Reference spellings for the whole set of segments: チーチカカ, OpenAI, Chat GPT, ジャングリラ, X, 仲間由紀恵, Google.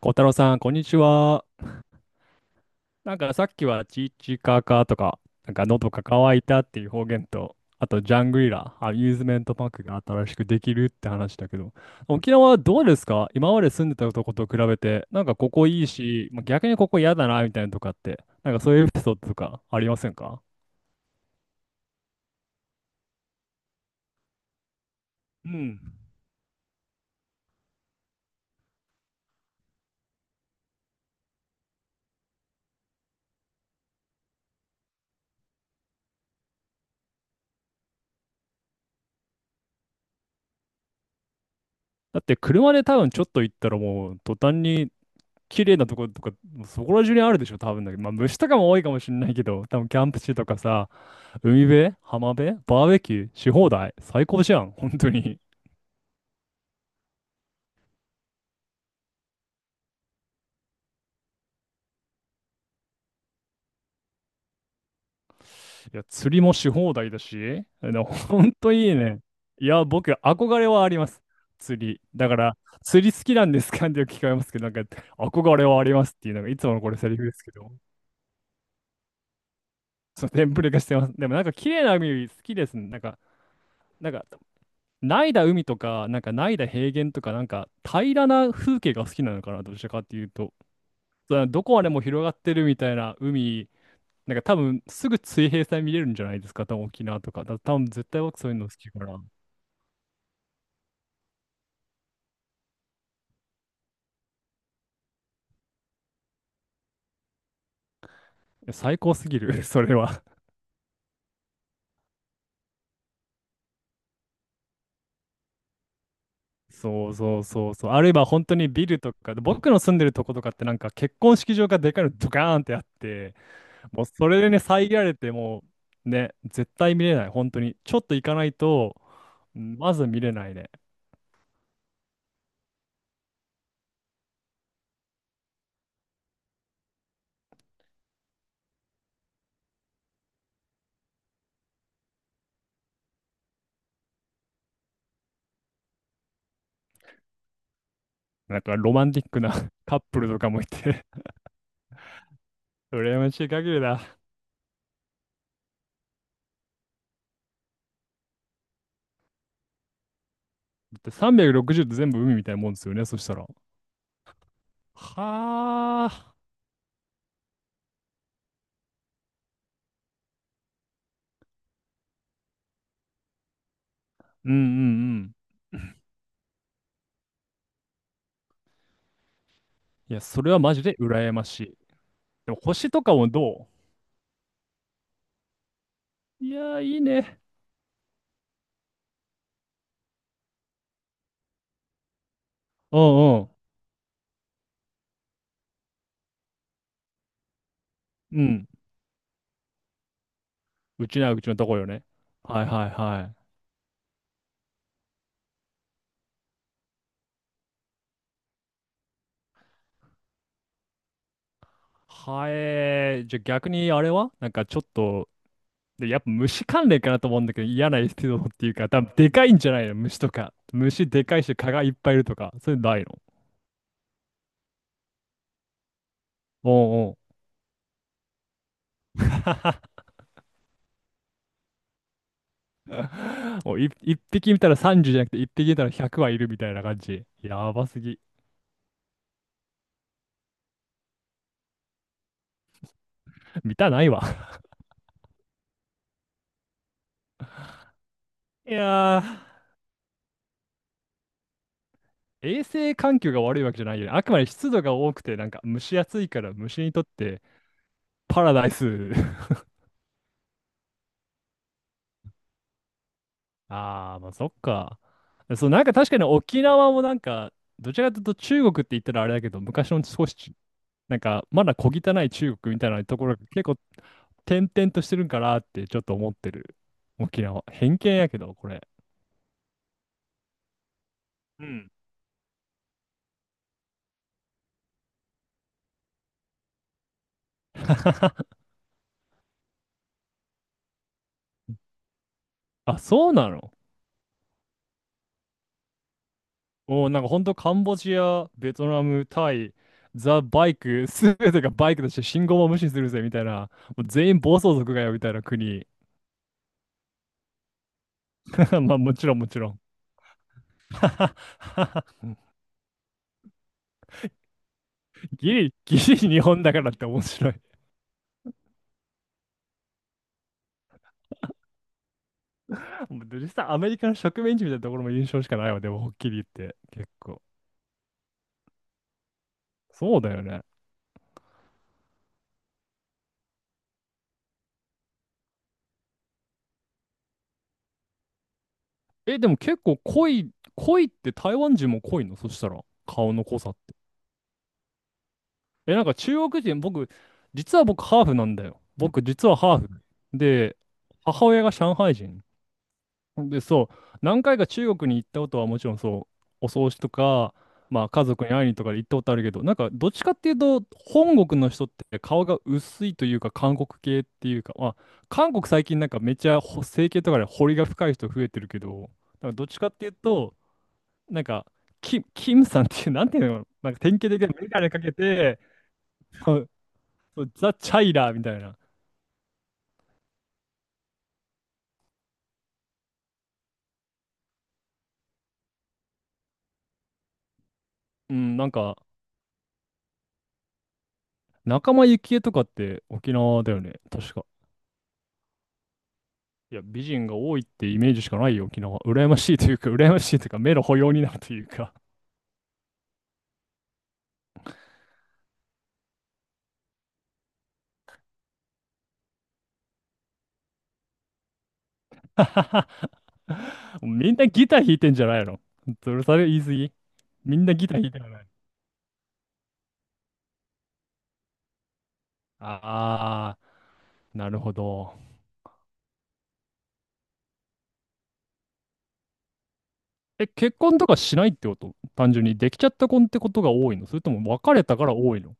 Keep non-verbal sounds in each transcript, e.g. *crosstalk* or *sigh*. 小太郎さん、こんにちは。なんかさっきはチーチカカとか、なんか喉が渇いたっていう方言と、あとジャングリラ、アミューズメントパークが新しくできるって話だけど、沖縄はどうですか？今まで住んでたとこと比べて、なんかここいいし、まあ逆にここ嫌だなみたいなのとかって、なんかそういうエピソードとかありませんか？うん。だって車で多分ちょっと行ったらもう途端に綺麗なところとか、そこら中にあるでしょ、多分だけど。まあ、虫とかも多いかもしれないけど、多分キャンプ地とかさ、海辺、浜辺、バーベキューし放題。最高じゃん、本当に。いや、釣りもし放題だし、あの本当いいね。いや、僕、憧れはあります。釣り。だから、釣り好きなんですかってよく聞かれますけど、なんか、憧れはありますっていうのが、いつものこれセリフですけど、そのテンプレ化してます。でも、なんか、綺麗な海好きですね。なんか、なんか、ないだ海とか、なんかないだ平原とか、なんか平らな風景が好きなのかな、どちらかっていうと。だからどこまでも広がってるみたいな海、なんか多分すぐ水平線見れるんじゃないですか、多分沖縄とか。多分絶対僕そういうの好きかな。最高すぎる、*laughs* それは。そうそうそうそう。あるいは本当にビルとか、僕の住んでるとことかってなんか結婚式場がでかいのドカーンってあって、もうそれでね、遮られてもね、絶対見れない、本当に。ちょっと行かないと、うん、まず見れないね。なんかロマンティックな *laughs* カップルとかもいて、 *laughs* 羨ましい限りだ。だって360って全部海みたいなもんですよね、そしたら。はあ。うんうんうん。いや、それはマジで羨ましい。でも星とかもど、ういやー、いいね。うんうん。うん。うちな、うちのとこよね。はいはいはい。はえー、じゃあ逆にあれはなんかちょっと、で、やっぱ虫関連かなと思うんだけど、嫌なエピソードっていうか、多分でかいんじゃないの虫とか。虫でかいし、蚊がいっぱいいるとか。そういうのないの？お、 *laughs* もう一匹見たら30じゅうじゃなくて一匹見たら100はいるみたいな感じ。やばすぎ。見たないわ。*laughs* いやー。衛生環境が悪いわけじゃないよね。あくまで湿度が多くて、なんか蒸し暑いから虫にとってパラダイス。*laughs* ああ、まあそっか。そう、なんか確かに沖縄もなんか、どちらかというと中国って言ったらあれだけど、昔の少しち、なんかまだ小汚い中国みたいなところが結構点々としてるんかなってちょっと思ってる。沖縄。偏見やけど、これ。うん。*laughs* あ、そうなの？おー、なんか本当カンボジア、ベトナム、タイ、ザ・バイク、*laughs* すべてがバイクとして信号も無視するぜみたいな、もう全員暴走族がよみたいな国。*laughs* まあもちろんもちろん。*laughs* ギリ、ギリ日本だからって面白い。*laughs* もう実際アメリカの植民地みたいなところも印象しかないわ、でもはっきり言って。結構。そうだよね。え、でも結構濃い、濃いって台湾人も濃いの？そしたら。顔の濃さって。え、なんか中国人、僕、実は僕ハーフなんだよ。僕、実はハーフ。で、母親が上海人。で、そう、何回か中国に行ったことはもちろんそう、お葬式とか、まあ家族に会いにとかで行ったことあるけど、なんかどっちかっていうと、本国の人って顔が薄いというか、韓国系っていうか、まあ、韓国最近なんかめっちゃ整形とかで彫りが深い人増えてるけど、なんかどっちかっていうと、なんか、キムさんっていう、なんていうの、なんか典型的な眼鏡かけて、ザ・チャイラーみたいな。うん、なんか、仲間由紀恵とかって沖縄だよね、確か。いや、美人が多いってイメージしかないよ、沖縄。羨ましいというか、羨ましいというか、目の保養になるというか。*laughs* みんなギター弾いてんじゃないの？それ、それ言い過ぎ。みんなギター弾いてない。あー、なるほど。え、結婚とかしないってこと？単純に、できちゃった婚ってことが多いの？それとも別れたから多いの？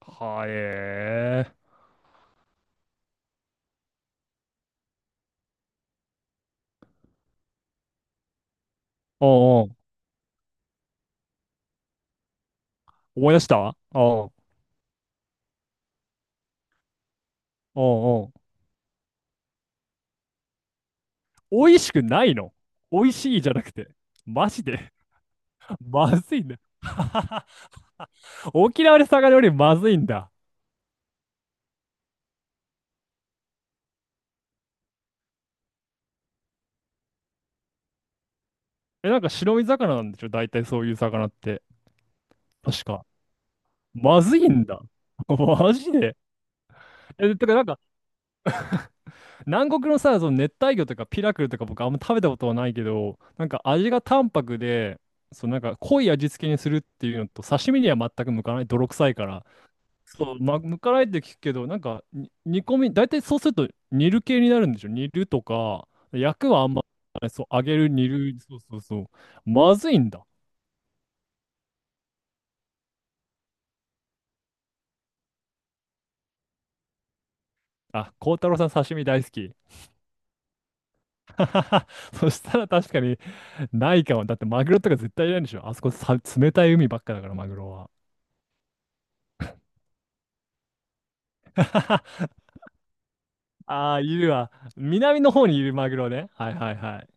はえー。おうおう。思い出した。おうおうおう。美味しくないの？美味しいじゃなくて。マジで。*laughs* まずいんだ。*laughs* 沖縄で魚料理まずいんだ。え、なんか白身魚なんでしょ大体そういう魚って。確か。まずいんだ。*laughs* マジで。え、てかなんか、南国のさ、その熱帯魚とかピラクルとか僕あんま食べたことはないけど、なんか味が淡白で、そうなんか濃い味付けにするっていうのと、刺身には全く向かない。泥臭いから。そう、ま、むからいって聞くけど、なんか、煮込み、大体そうすると煮る系になるんでしょ？煮るとか、焼くはあんま、そう、揚げる、煮る、そうそうそう。まずいんだ。あ、孝太郎さん刺身大好き。*laughs* そしたら確かにないかも。だってマグロとか絶対いないんでしょあそこさ、冷たい海ばっかだから、マグロは。*laughs* ああ、いるわ。南の方にいるマグロね。はいはいはい。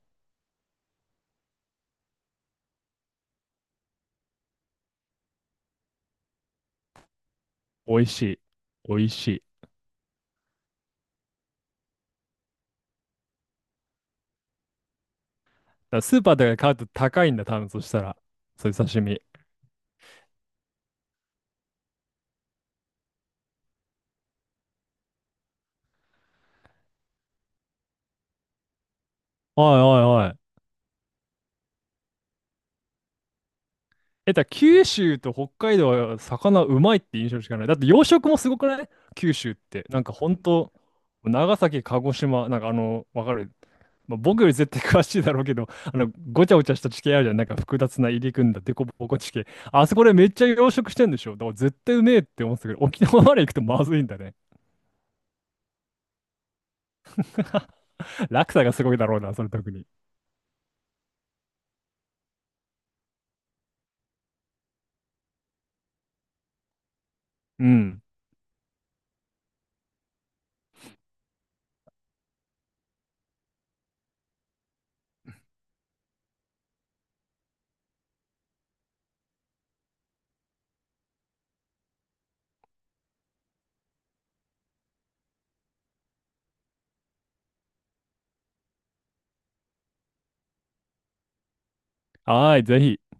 美味しい。美味しい。だからスーパーとかで買うと高いんだ、多分そしたら。そういう刺身。はいはいはい。え、だから九州と北海道は魚うまいって印象しかない。だって養殖もすごくない？九州って。なんかほんと、長崎、鹿児島、なんかあの、わかる。まあ、僕より絶対詳しいだろうけど、あの、ごちゃごちゃした地形あるじゃん。なんか複雑な入り組んだデコボコ地形。あそこでめっちゃ養殖してんでしょ。だから絶対うめえって思ってたけど、沖縄まで行くとまずいんだね。*laughs* 落差がすごいだろうな、それ特に。うん。はーい、ぜひ。